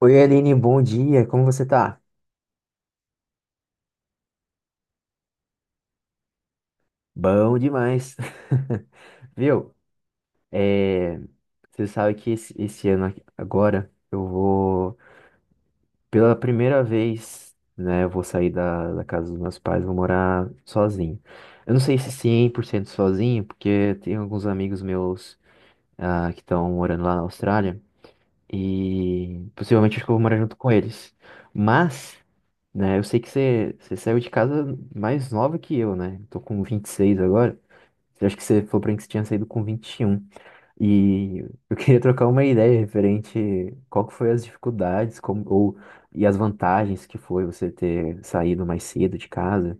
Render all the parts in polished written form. Oi, Aline, bom dia, como você tá? Bom demais, viu? É, você sabe que esse ano aqui- agora eu vou, pela primeira vez, né, eu vou sair da, da casa dos meus pais, vou morar sozinho. Eu não sei se 100% sozinho, porque tem alguns amigos meus que estão morando lá na Austrália. E possivelmente acho que eu vou morar junto com eles. Mas, né, eu sei que você saiu de casa mais nova que eu, né? Tô com 26 agora. Eu acho que você falou pra mim que você tinha saído com 21. E um. E eu queria trocar uma ideia referente qual que foi as dificuldades, como, ou, e as vantagens que foi você ter saído mais cedo de casa.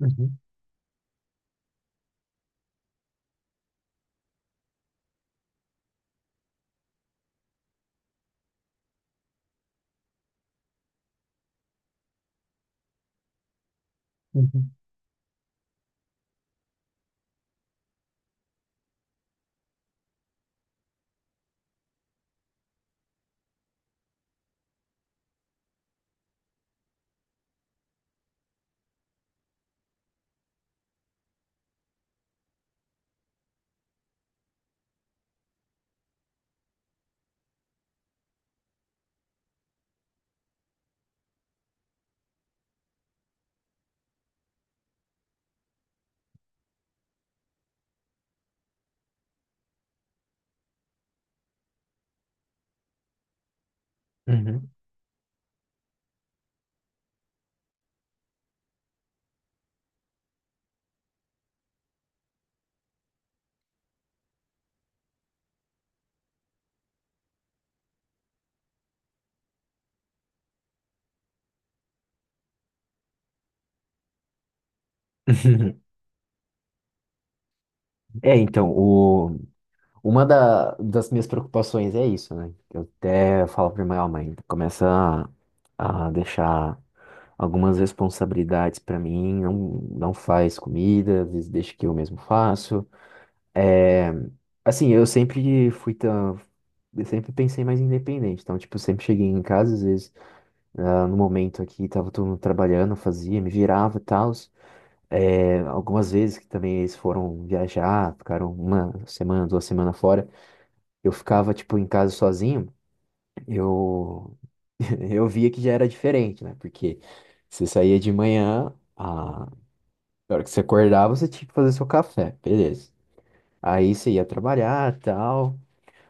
Uhum, uhum. Uhum. É, então, uma da- das minhas preocupações é isso, né? Eu até falo pra minha mãe, começa a deixar algumas responsabilidades pra mim, não, não faz comida, às vezes deixa que eu mesmo faço. É, assim, eu sempre fui tão, eu sempre pensei mais independente, então, tipo, eu sempre cheguei em casa, às vezes, no momento aqui, tava todo mundo trabalhando, eu fazia, me virava e tal. É, algumas vezes que também eles foram viajar, ficaram uma semana, duas semanas fora, eu ficava, tipo, em casa sozinho, eu, eu via que já era diferente, né? Porque você saía de manhã, a na hora que você acordava, você tinha que fazer seu café, beleza. Aí você ia trabalhar, tal,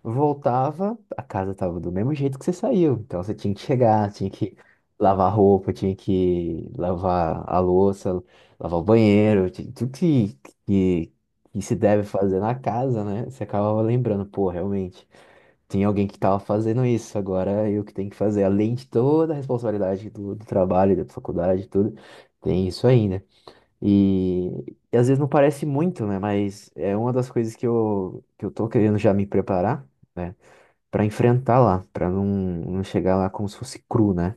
voltava, a casa tava do mesmo jeito que você saiu. Então você tinha que chegar, tinha que lavar roupa, tinha que lavar a louça, lavar o banheiro, ti- tudo que, que se deve fazer na casa, né? Você acabava lembrando, pô, realmente. Tinha alguém que estava fazendo isso, agora eu que tenho que fazer, além de toda a responsabilidade do, do trabalho, da faculdade, e tudo, tem isso ainda. E, e às vezes não parece muito, né? Mas é uma das coisas que que eu tô querendo já me preparar, né? Para enfrentar lá, para não, não chegar lá como se fosse cru, né?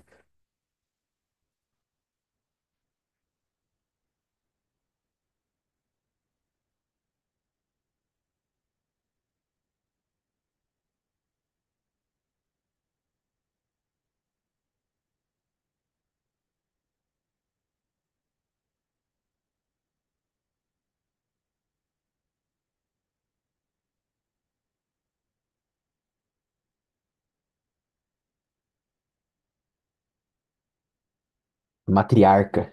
Matriarca.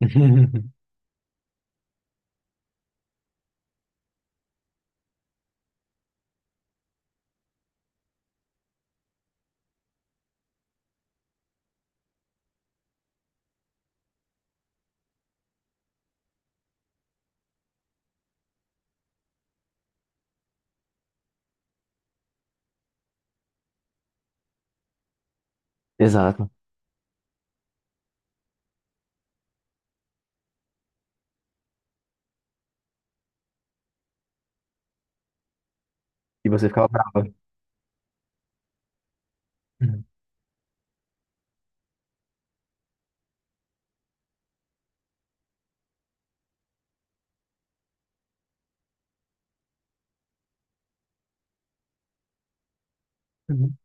Exato. E você ficava brava. Uhum.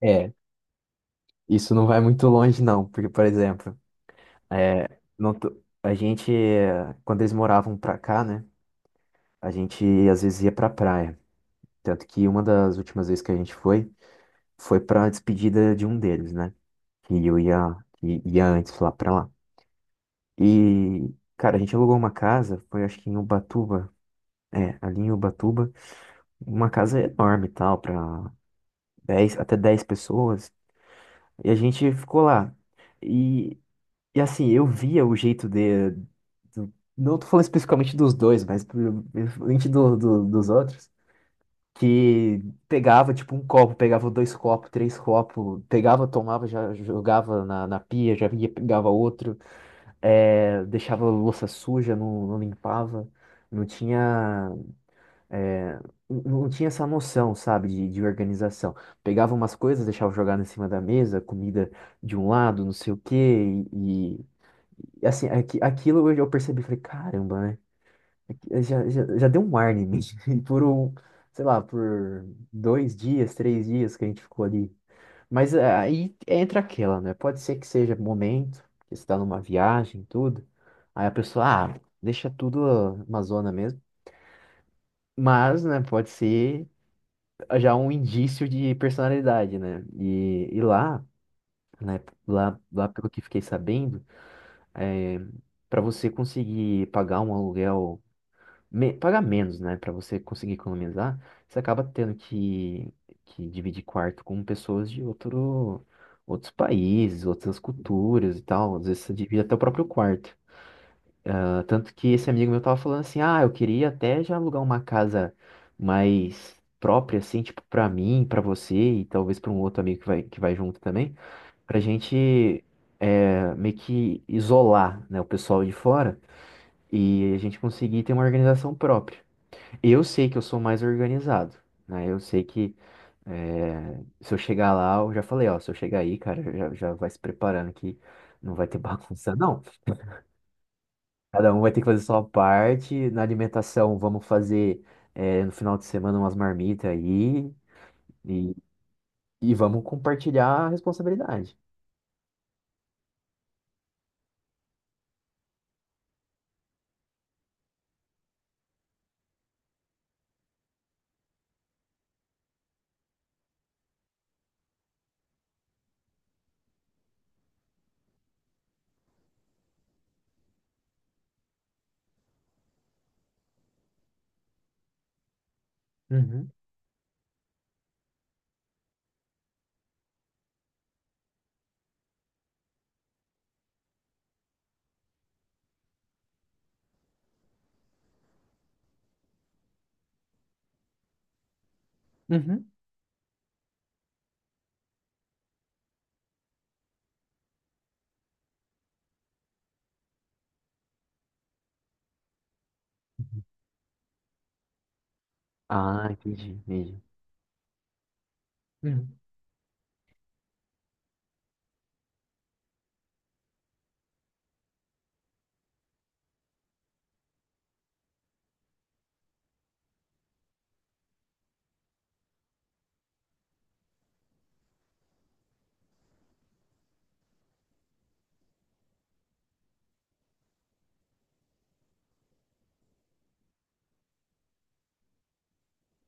É, isso não vai muito longe, não, porque, por exemplo. É, não tô- a gente, quando eles moravam pra cá, né? A gente às vezes ia pra praia. Tanto que uma das últimas vezes que a gente foi, foi pra despedida de um deles, né? Que eu ia, que ia antes lá pra lá. E, cara, a gente alugou uma casa, foi acho que em Ubatuba. É, ali em Ubatuba. Uma casa enorme e tal, pra 10 até 10 pessoas. E a gente ficou lá. E assim, eu via o jeito de. Do- não tô falando especificamente dos dois, mas principalmente do, do- dos outros. Que pegava, tipo, um copo, pegava dois copos, três copos, pegava, tomava, já jogava na, na pia, já vinha, pegava outro, é, deixava a louça suja, não, não limpava, não tinha, é, não tinha essa noção, sabe, de organização. Pegava umas coisas, deixava jogar em cima da mesa, comida de um lado, não sei o quê, e assim, aqui, aquilo eu percebi, falei, caramba, né? Aqui- já, já, já deu um ar em mim. E por um, sei lá, por dois dias, três dias que a gente ficou ali. Mas é, aí entra aquela, né? Pode ser que seja momento, que você tá numa viagem, tudo. Aí a pessoa, ah, deixa tudo uma zona mesmo. Mas, né, pode ser já um indício de personalidade, né? E lá, né, lá, lá pelo que fiquei sabendo, é, para você conseguir pagar um aluguel me- pagar menos, né? Para você conseguir economizar, você acaba tendo que dividir quarto com pessoas de outro, outros países, outras culturas e tal. Às vezes você divide até o próprio quarto. Ah, tanto que esse amigo meu tava falando assim, ah, eu queria até já alugar uma casa mais própria, assim, tipo, pra mim, pra você e talvez pra um outro amigo que vai junto também, pra gente meio que isolar, né, o pessoal de fora e a gente conseguir ter uma organização própria. Eu sei que eu sou mais organizado, né? Eu sei que se eu chegar lá, eu já falei, ó, se eu chegar aí, cara, já, já vai se preparando que não vai ter bagunça, não. Cada um vai ter que fazer sua parte. Na alimentação, vamos fazer no final de semana umas marmitas aí e, e vamos compartilhar a responsabilidade. Uhum, uhum. Ah, entendi, entendi. Uhum,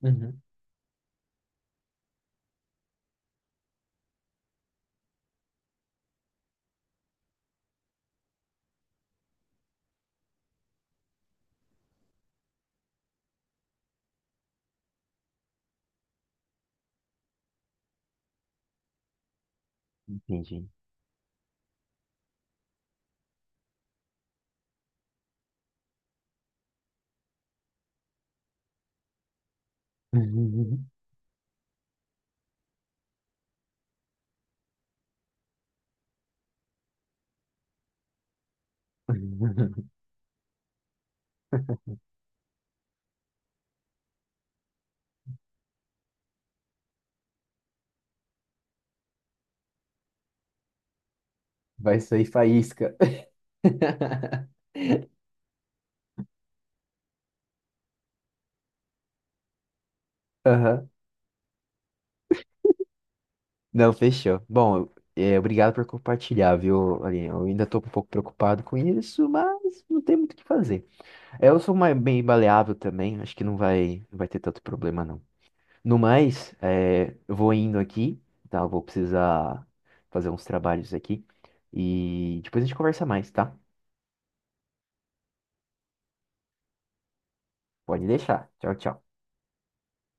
uhum. Entendi. Vai sair faísca. Aham. Não, fechou. Bom, é, obrigado por compartilhar, viu, Aline? Eu ainda tô um pouco preocupado com isso, mas não tem muito o que fazer. É, eu sou mais, bem baleável também, acho que não vai, não vai ter tanto problema, não. No mais, é, eu vou indo aqui, tá? Eu vou precisar fazer uns trabalhos aqui. E depois a gente conversa mais, tá? Pode deixar. Tchau, tchau.